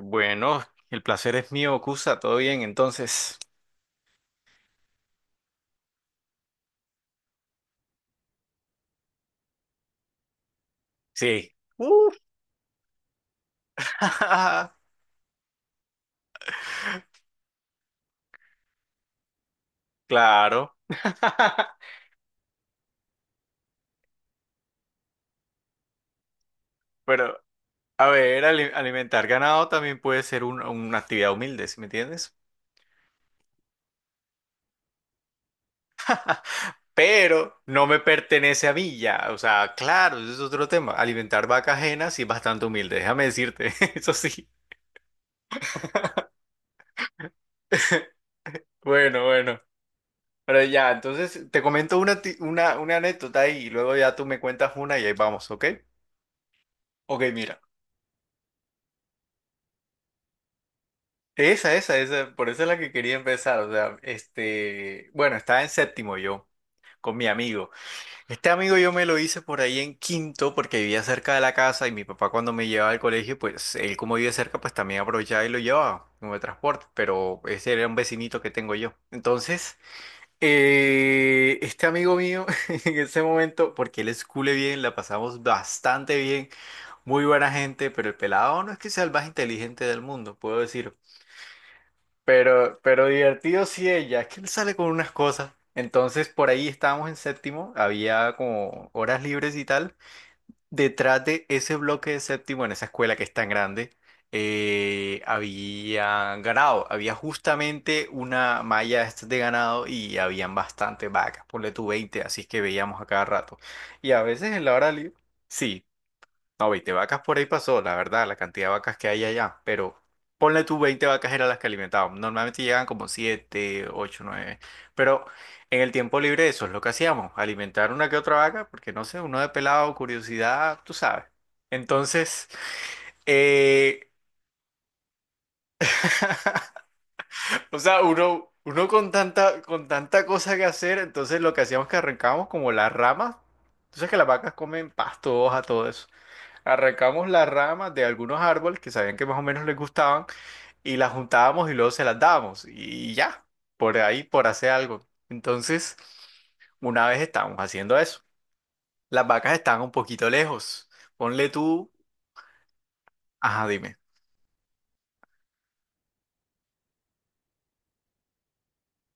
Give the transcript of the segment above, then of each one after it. Bueno, el placer es mío, Cusa. ¿Todo bien entonces? Sí. Uf. Claro. Pero, a ver, alimentar ganado también puede ser una actividad humilde, ¿sí me entiendes? Pero no me pertenece a mí ya. O sea, claro, ese es otro tema. Alimentar vacas ajenas sí es bastante humilde, déjame decirte. Eso sí. Bueno, bueno. Pero ya, entonces te comento una anécdota y luego ya tú me cuentas una y ahí vamos, ¿ok? Ok, mira. Esa, por eso es la que quería empezar. O sea, bueno, estaba en séptimo yo, con mi amigo. Este amigo yo me lo hice por ahí en quinto, porque vivía cerca de la casa y mi papá cuando me llevaba al colegio, pues él como vive cerca, pues también aprovechaba y lo llevaba como de transporte, pero ese era un vecinito que tengo yo. Entonces, este amigo mío, en ese momento, porque él es cule bien, la pasamos bastante bien, muy buena gente, pero el pelado no es que sea el más inteligente del mundo, puedo decir. Pero divertido sí ella, es que él sale con unas cosas. Entonces por ahí estábamos en séptimo, había como horas libres y tal. Detrás de ese bloque de séptimo, en esa escuela que es tan grande, había ganado, había justamente una malla estas de ganado y habían bastantes vacas, ponle tú 20 así que veíamos a cada rato. Y a veces en la hora libre, sí, no, 20 vacas por ahí pasó, la verdad, la cantidad de vacas que hay allá. Pero ponle tú 20 vacas eran las que alimentaban. Normalmente llegan como 7 8 nueve. Pero en el tiempo libre eso es lo que hacíamos, alimentar una que otra vaca, porque no sé, uno de pelado, curiosidad, tú sabes. Entonces, eh, o sea, uno con tanta cosa que hacer, entonces lo que hacíamos es que arrancábamos como las ramas. Entonces que las vacas comen pasto, hoja, todo eso. Arrancamos las ramas de algunos árboles que sabían que más o menos les gustaban y las juntábamos y luego se las dábamos y ya, por ahí, por hacer algo. Entonces, una vez estábamos haciendo eso, las vacas estaban un poquito lejos. Ponle tú, ajá, dime.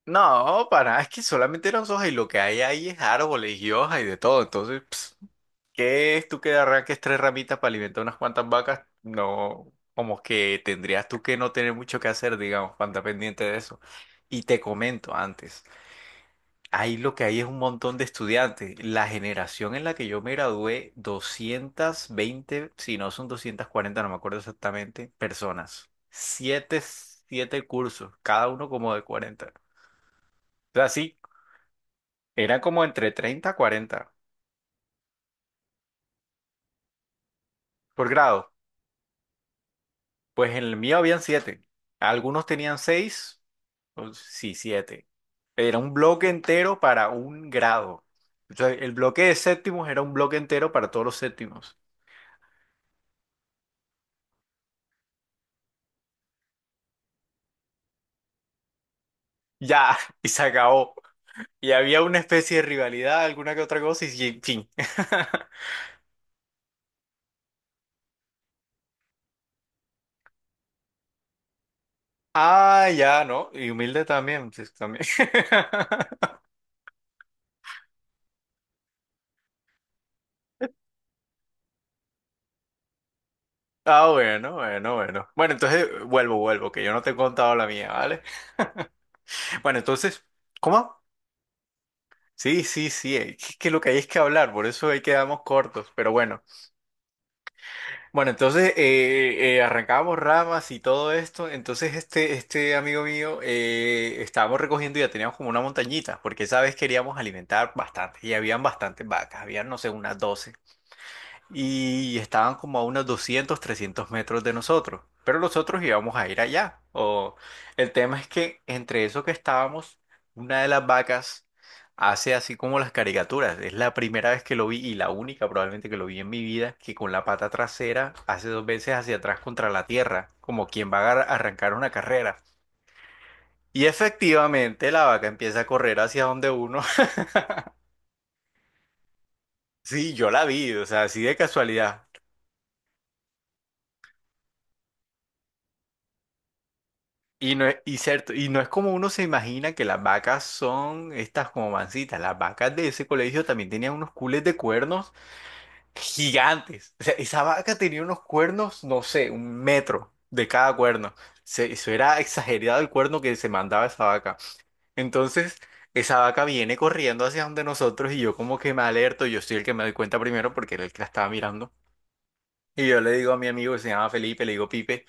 No, para, nada, es que solamente eran hojas y lo que hay ahí es árboles y hojas y de todo. Entonces, pss, ¿qué es tú que arranques tres ramitas para alimentar unas cuantas vacas? No, como que tendrías tú que no tener mucho que hacer, digamos, para andar pendiente de eso. Y te comento antes, ahí lo que hay es un montón de estudiantes. La generación en la que yo me gradué, 220, si no son 240, no me acuerdo exactamente, personas. Siete cursos, cada uno como de 40. O sea, sí, era como entre 30 a 40 por grado. Pues en el mío habían siete. Algunos tenían seis, o sí, siete. Era un bloque entero para un grado. O sea, el bloque de séptimos era un bloque entero para todos los séptimos. Ya, y se acabó. Y había una especie de rivalidad, alguna que otra cosa, y en fin. Ah, ya, ¿no? Y humilde también, pues, también. Ah, bueno, bueno, bueno. Bueno, entonces vuelvo, que yo no te he contado la mía, ¿vale? Bueno, entonces, ¿cómo? Sí, sí, sí, que lo que hay es que hablar, por eso ahí quedamos cortos, pero bueno. Bueno, entonces arrancábamos ramas y todo esto, entonces este amigo mío estábamos recogiendo y ya teníamos como una montañita, porque esa vez queríamos alimentar bastante y habían bastantes vacas, habían no sé, unas 12 y estaban como a unos 200 300 metros de nosotros, pero nosotros íbamos a ir allá. O el tema es que entre eso que estábamos, una de las vacas hace así como las caricaturas. Es la primera vez que lo vi y la única probablemente que lo vi en mi vida que con la pata trasera hace dos veces hacia atrás contra la tierra, como quien va a arrancar una carrera. Y efectivamente la vaca empieza a correr hacia donde uno. Sí, yo la vi, o sea, así de casualidad. Y no es, y cierto, y no es como uno se imagina que las vacas son estas como mancitas. Las vacas de ese colegio también tenían unos cules de cuernos gigantes. O sea, esa vaca tenía unos cuernos, no sé, un metro de cada cuerno. Se- eso era exagerado el cuerno que se mandaba esa vaca. Entonces, esa vaca viene corriendo hacia donde nosotros y yo como que me alerto. Yo soy el que me doy cuenta primero porque era el que la estaba mirando. Y yo le digo a mi amigo que se llama Felipe, le digo, Pipe.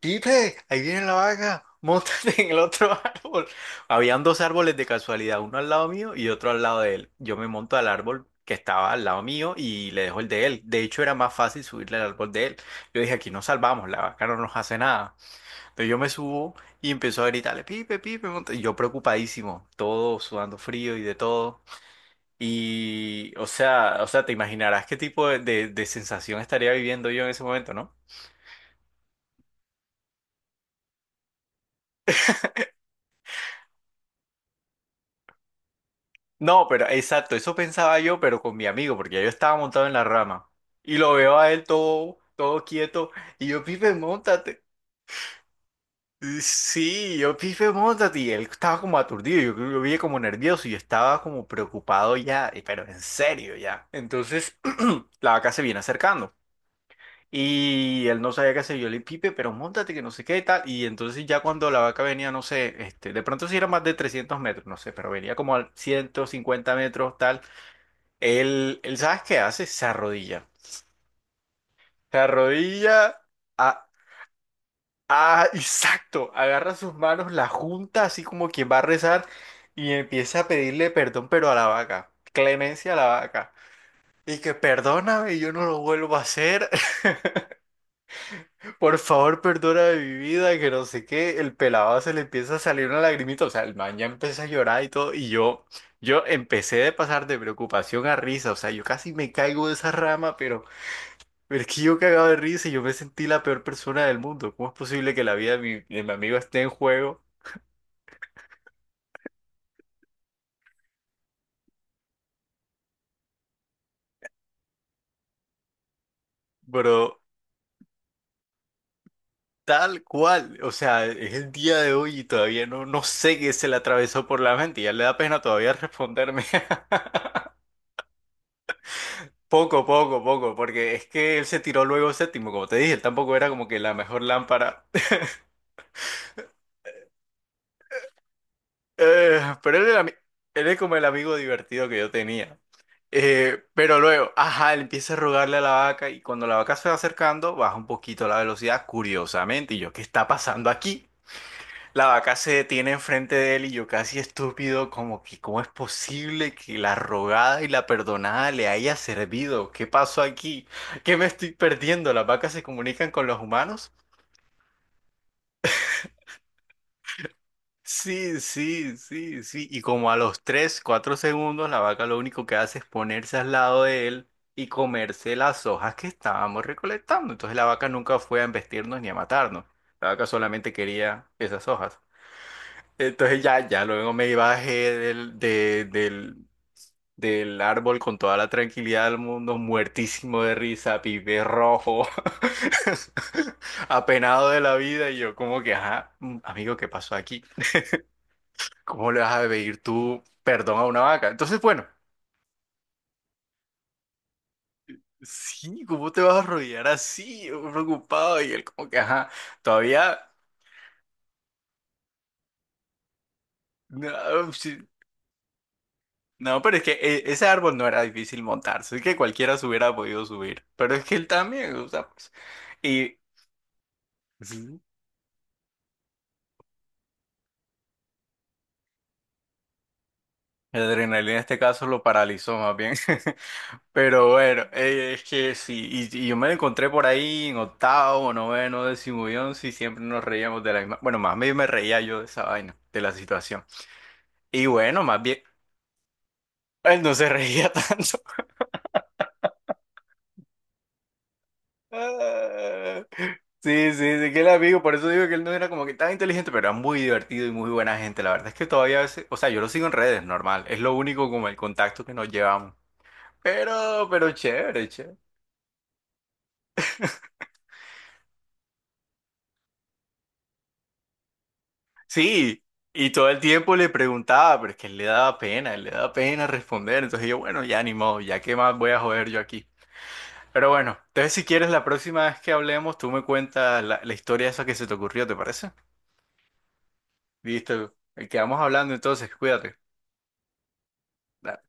Pipe, ahí viene la vaca, montate en el otro árbol. Habían dos árboles de casualidad, uno al lado mío y otro al lado de él. Yo me monto al árbol que estaba al lado mío y le dejo el de él. De hecho, era más fácil subirle al árbol de él. Yo dije, aquí nos salvamos, la vaca no nos hace nada. Entonces yo me subo y empezó a gritarle, Pipe, Pipe, monta-". Y yo preocupadísimo, todo sudando frío y de todo. Y, o sea, te imaginarás qué tipo de sensación estaría viviendo yo en ese momento, ¿no? No, pero exacto, eso pensaba yo, pero con mi amigo, porque ya yo estaba montado en la rama. Y lo veo a él todo, todo quieto, y yo, Pipe, montate. Sí, yo, Pipe, montate. Y él estaba como aturdido, yo lo vi como nervioso, y yo estaba como preocupado ya, pero en serio ya. Entonces, la vaca se viene acercando. Y él no sabía qué hacer, yo le dije, Pipe, pero montate, que no sé qué y tal. Y entonces ya cuando la vaca venía, no sé, de pronto sí era más de 300 metros, no sé, pero venía como a 150 metros, tal. Él, ¿sabes qué hace? Se arrodilla. Se arrodilla a, exacto, agarra sus manos, la junta así como quien va a rezar y empieza a pedirle perdón, pero a la vaca, clemencia a la vaca. Y que perdóname, yo no lo vuelvo a hacer. Por favor, perdona mi vida, que no sé qué. El pelado se le empieza a salir una lagrimita. O sea, el man ya empieza a llorar y todo. Y yo empecé de pasar de preocupación a risa. O sea, yo casi me caigo de esa rama, pero es que yo cagado de risa y yo me sentí la peor persona del mundo. ¿Cómo es posible que la vida de mi amigo esté en juego? Pero tal cual. O sea, es el día de hoy y todavía no sé qué se le atravesó por la mente. Ya le da pena todavía responderme. Poco, poco, poco. Porque es que él se tiró luego séptimo, como te dije. Él tampoco era como que la mejor lámpara. Pero él era, él es como el amigo divertido que yo tenía. Pero luego, ajá, él empieza a rogarle a la vaca y cuando la vaca se va acercando, baja un poquito la velocidad, curiosamente. Y yo, ¿qué está pasando aquí? La vaca se detiene enfrente de él y yo casi estúpido, como que, ¿cómo es posible que la rogada y la perdonada le haya servido? ¿Qué pasó aquí? ¿Qué me estoy perdiendo? ¿Las vacas se comunican con los humanos? Sí, sí, sí, sí. Y como a los 3, 4 segundos, la vaca lo único que hace es ponerse al lado de él y comerse las hojas que estábamos recolectando. Entonces la vaca nunca fue a embestirnos ni a matarnos. La vaca solamente quería esas hojas. Entonces ya, ya luego me bajé del árbol con toda la tranquilidad del mundo, muertísimo de risa, pibe rojo, apenado de la vida. Y yo como que, ajá, amigo, ¿qué pasó aquí? ¿Cómo le vas a pedir tú perdón a una vaca? Entonces, bueno, sí, ¿cómo te vas a arrodillar así, yo preocupado? Y él como que, ajá, todavía... No, sí. No, pero es que ese árbol no era difícil montarse, es que cualquiera se hubiera podido subir, pero es que él también, o sea, pues, y ujú la adrenalina en este caso lo paralizó más bien. Pero bueno, es que sí, y yo me la encontré por ahí en octavo, noveno, décimo y once y siempre nos reíamos de la misma, bueno, más bien me reía yo de esa vaina, de la situación. Y bueno, más bien, él no se reía tanto. Ah, sí, sí, sí, que el amigo, por eso digo que él no era como que tan inteligente, pero era muy divertido y muy buena gente. La verdad es que todavía a veces, o sea, yo lo sigo en redes, normal, es lo único como el contacto que nos llevamos. Pero chévere, chévere. Sí, y todo el tiempo le preguntaba, pero es que él le daba pena, él le daba pena responder. Entonces yo, bueno, ya ni modo, ya qué más voy a joder yo aquí. Pero bueno, entonces si quieres la próxima vez que hablemos, tú me cuentas la historia esa que se te ocurrió, ¿te parece? Listo, quedamos hablando entonces, cuídate. Dale.